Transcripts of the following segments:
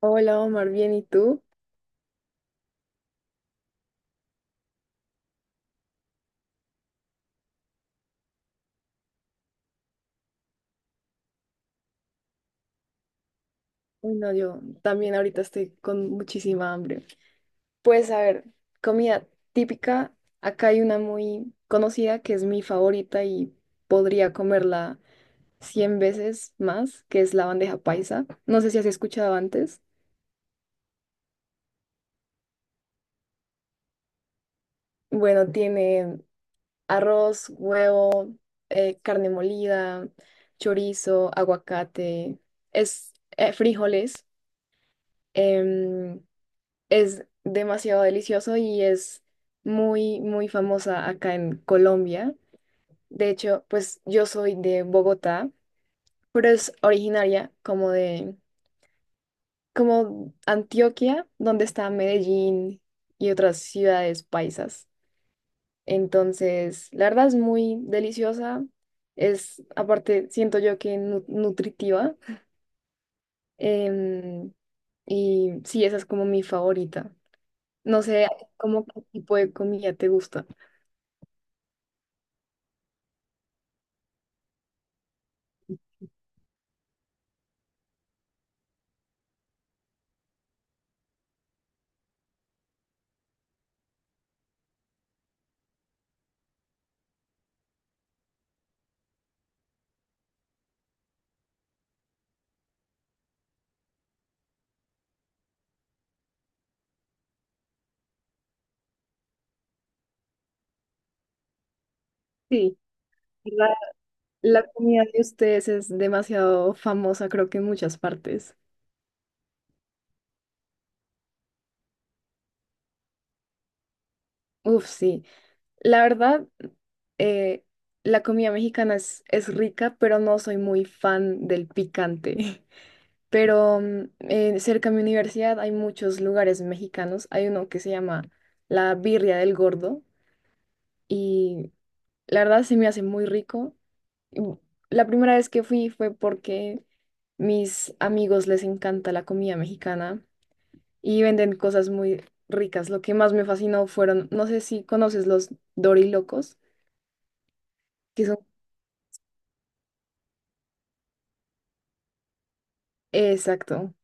Hola Omar, bien, ¿y tú? Uy, no, yo también ahorita estoy con muchísima hambre. Pues a ver, comida típica, acá hay una muy conocida que es mi favorita y podría comerla 100 veces más, que es la bandeja paisa. No sé si has escuchado antes. Bueno, tiene arroz, huevo, carne molida, chorizo, aguacate, es frijoles. em, Es demasiado delicioso y es muy, muy famosa acá en Colombia. De hecho, pues yo soy de Bogotá, pero es originaria como Antioquia, donde está Medellín y otras ciudades paisas. Entonces, la verdad es muy deliciosa. Es, aparte, siento yo que nutritiva. Em, y sí, esa es como mi favorita. No sé, ¿cómo qué tipo de comida te gusta? Sí. La, la comida de ustedes es demasiado famosa, creo que en muchas partes. Uf, sí. La verdad, eh, la comida mexicana es rica, pero no soy muy fan del picante. Pero cerca de mi universidad hay muchos lugares mexicanos. Hay uno que se llama La Birria del Gordo y la verdad se me hace muy rico. Y bu- La primera vez que fui fue porque mis amigos les encanta la comida mexicana y venden cosas muy ricas. Lo que más me fascinó fueron, no sé si conoces los dorilocos, que son... Exacto.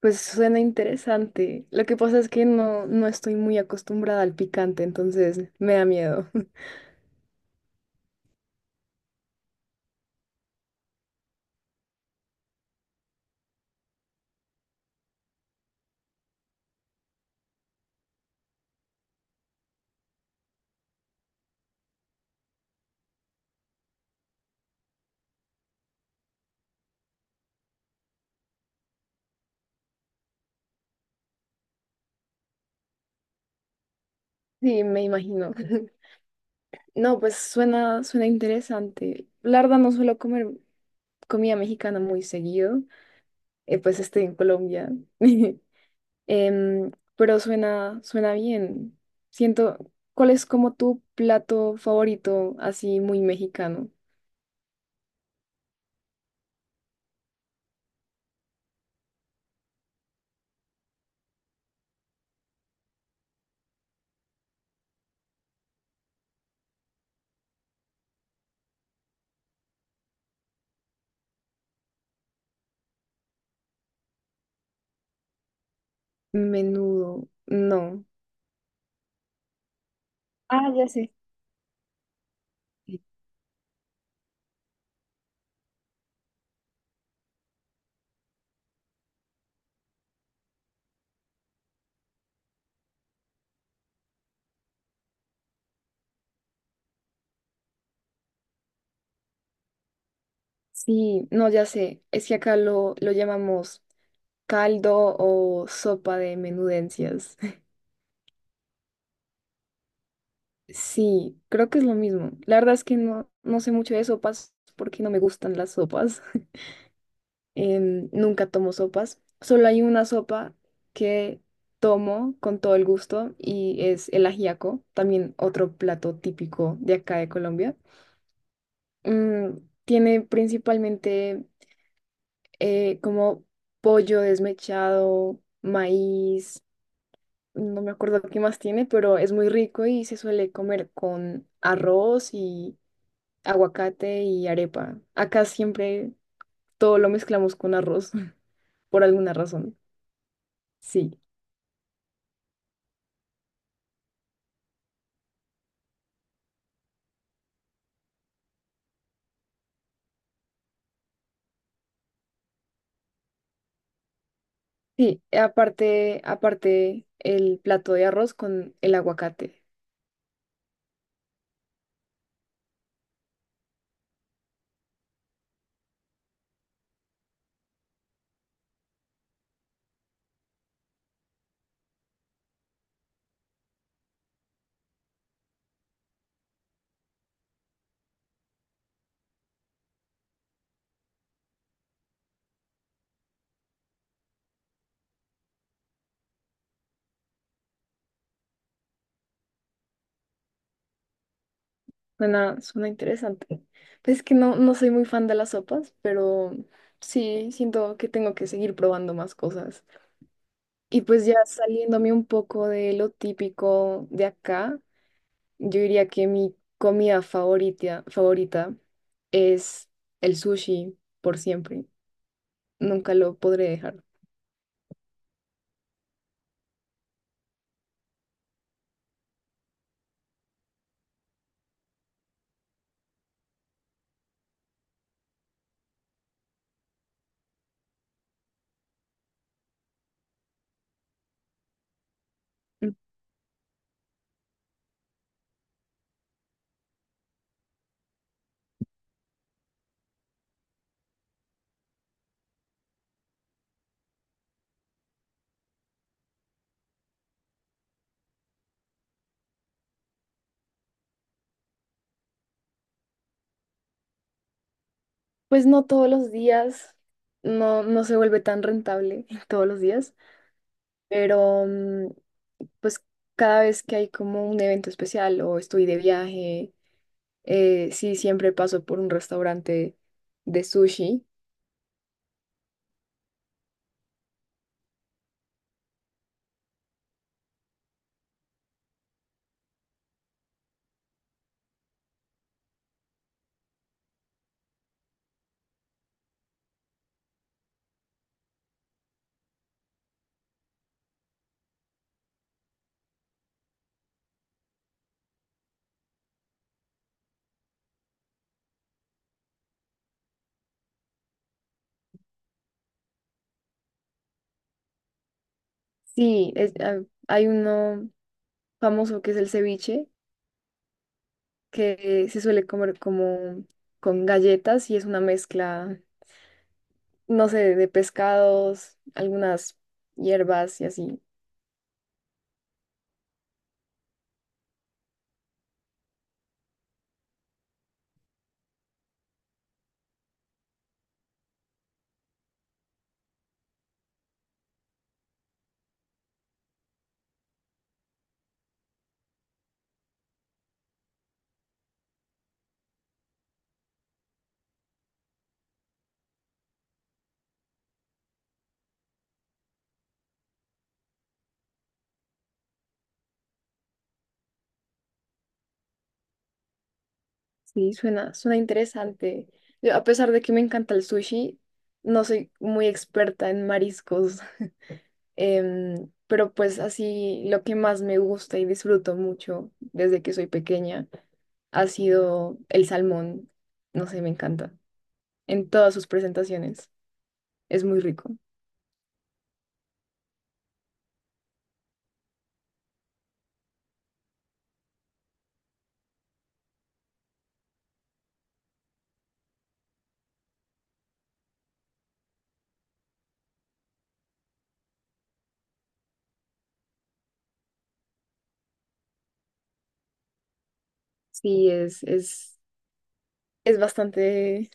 Pues suena interesante. Lo que pasa es que no, no estoy muy acostumbrada al picante, entonces me da miedo. Sí, me imagino. No, pues suena, suena interesante. La verdad no suelo comer comida mexicana muy seguido, pues estoy en Colombia. Em, pero suena, suena bien. Siento, ¿cuál es como tu plato favorito así muy mexicano? Menudo, no. Ah, ya sé. Sí, no, ya sé. Es que acá lo llamamos caldo o sopa de menudencias. Sí, creo que es lo mismo. La verdad es que no, no sé mucho de sopas porque no me gustan las sopas. Nunca tomo sopas. Solo hay una sopa que tomo con todo el gusto y es el ajiaco, también otro plato típico de acá de Colombia. Mm, tiene principalmente como pollo desmechado, maíz, no me acuerdo qué más tiene, pero es muy rico y se suele comer con arroz y aguacate y arepa. Acá siempre todo lo mezclamos con arroz por alguna razón. Sí. Sí, aparte, aparte el plato de arroz con el aguacate. Suena, suena interesante. Pues es que no, no soy muy fan de las sopas, pero sí, siento que tengo que seguir probando más cosas. Y pues ya saliéndome un poco de lo típico de acá, yo diría que mi comida favorita, favorita es el sushi por siempre. Nunca lo podré dejar. Pues no todos los días, no, no se vuelve tan rentable todos los días, pero pues cada vez que hay como un evento especial o estoy de viaje, sí, siempre paso por un restaurante de sushi. Sí, es- ah, hay uno famoso que es el ceviche, que se suele comer como con galletas y es una mezcla, no sé, de pescados, algunas hierbas y así. Sí, suena, suena interesante. Yo, a pesar de que me encanta el sushi, no soy muy experta en mariscos, pero pues así lo que más me gusta y disfruto mucho desde que soy pequeña ha sido el salmón. No sé, me encanta. En todas sus presentaciones. Es muy rico. Sí, es bastante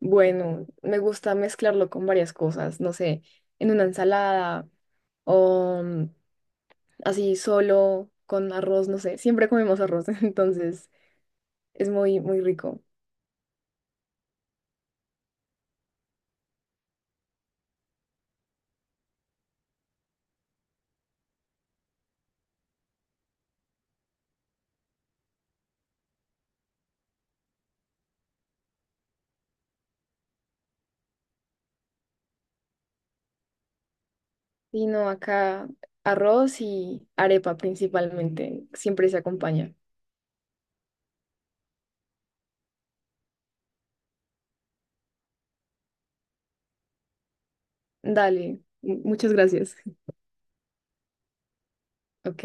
bueno. Me gusta mezclarlo con varias cosas, no sé, en una ensalada o así solo, con arroz, no sé, siempre comemos arroz, entonces es muy, muy rico. Y no, acá arroz y arepa principalmente, siempre se acompaña. Dale, muchas gracias. Ok.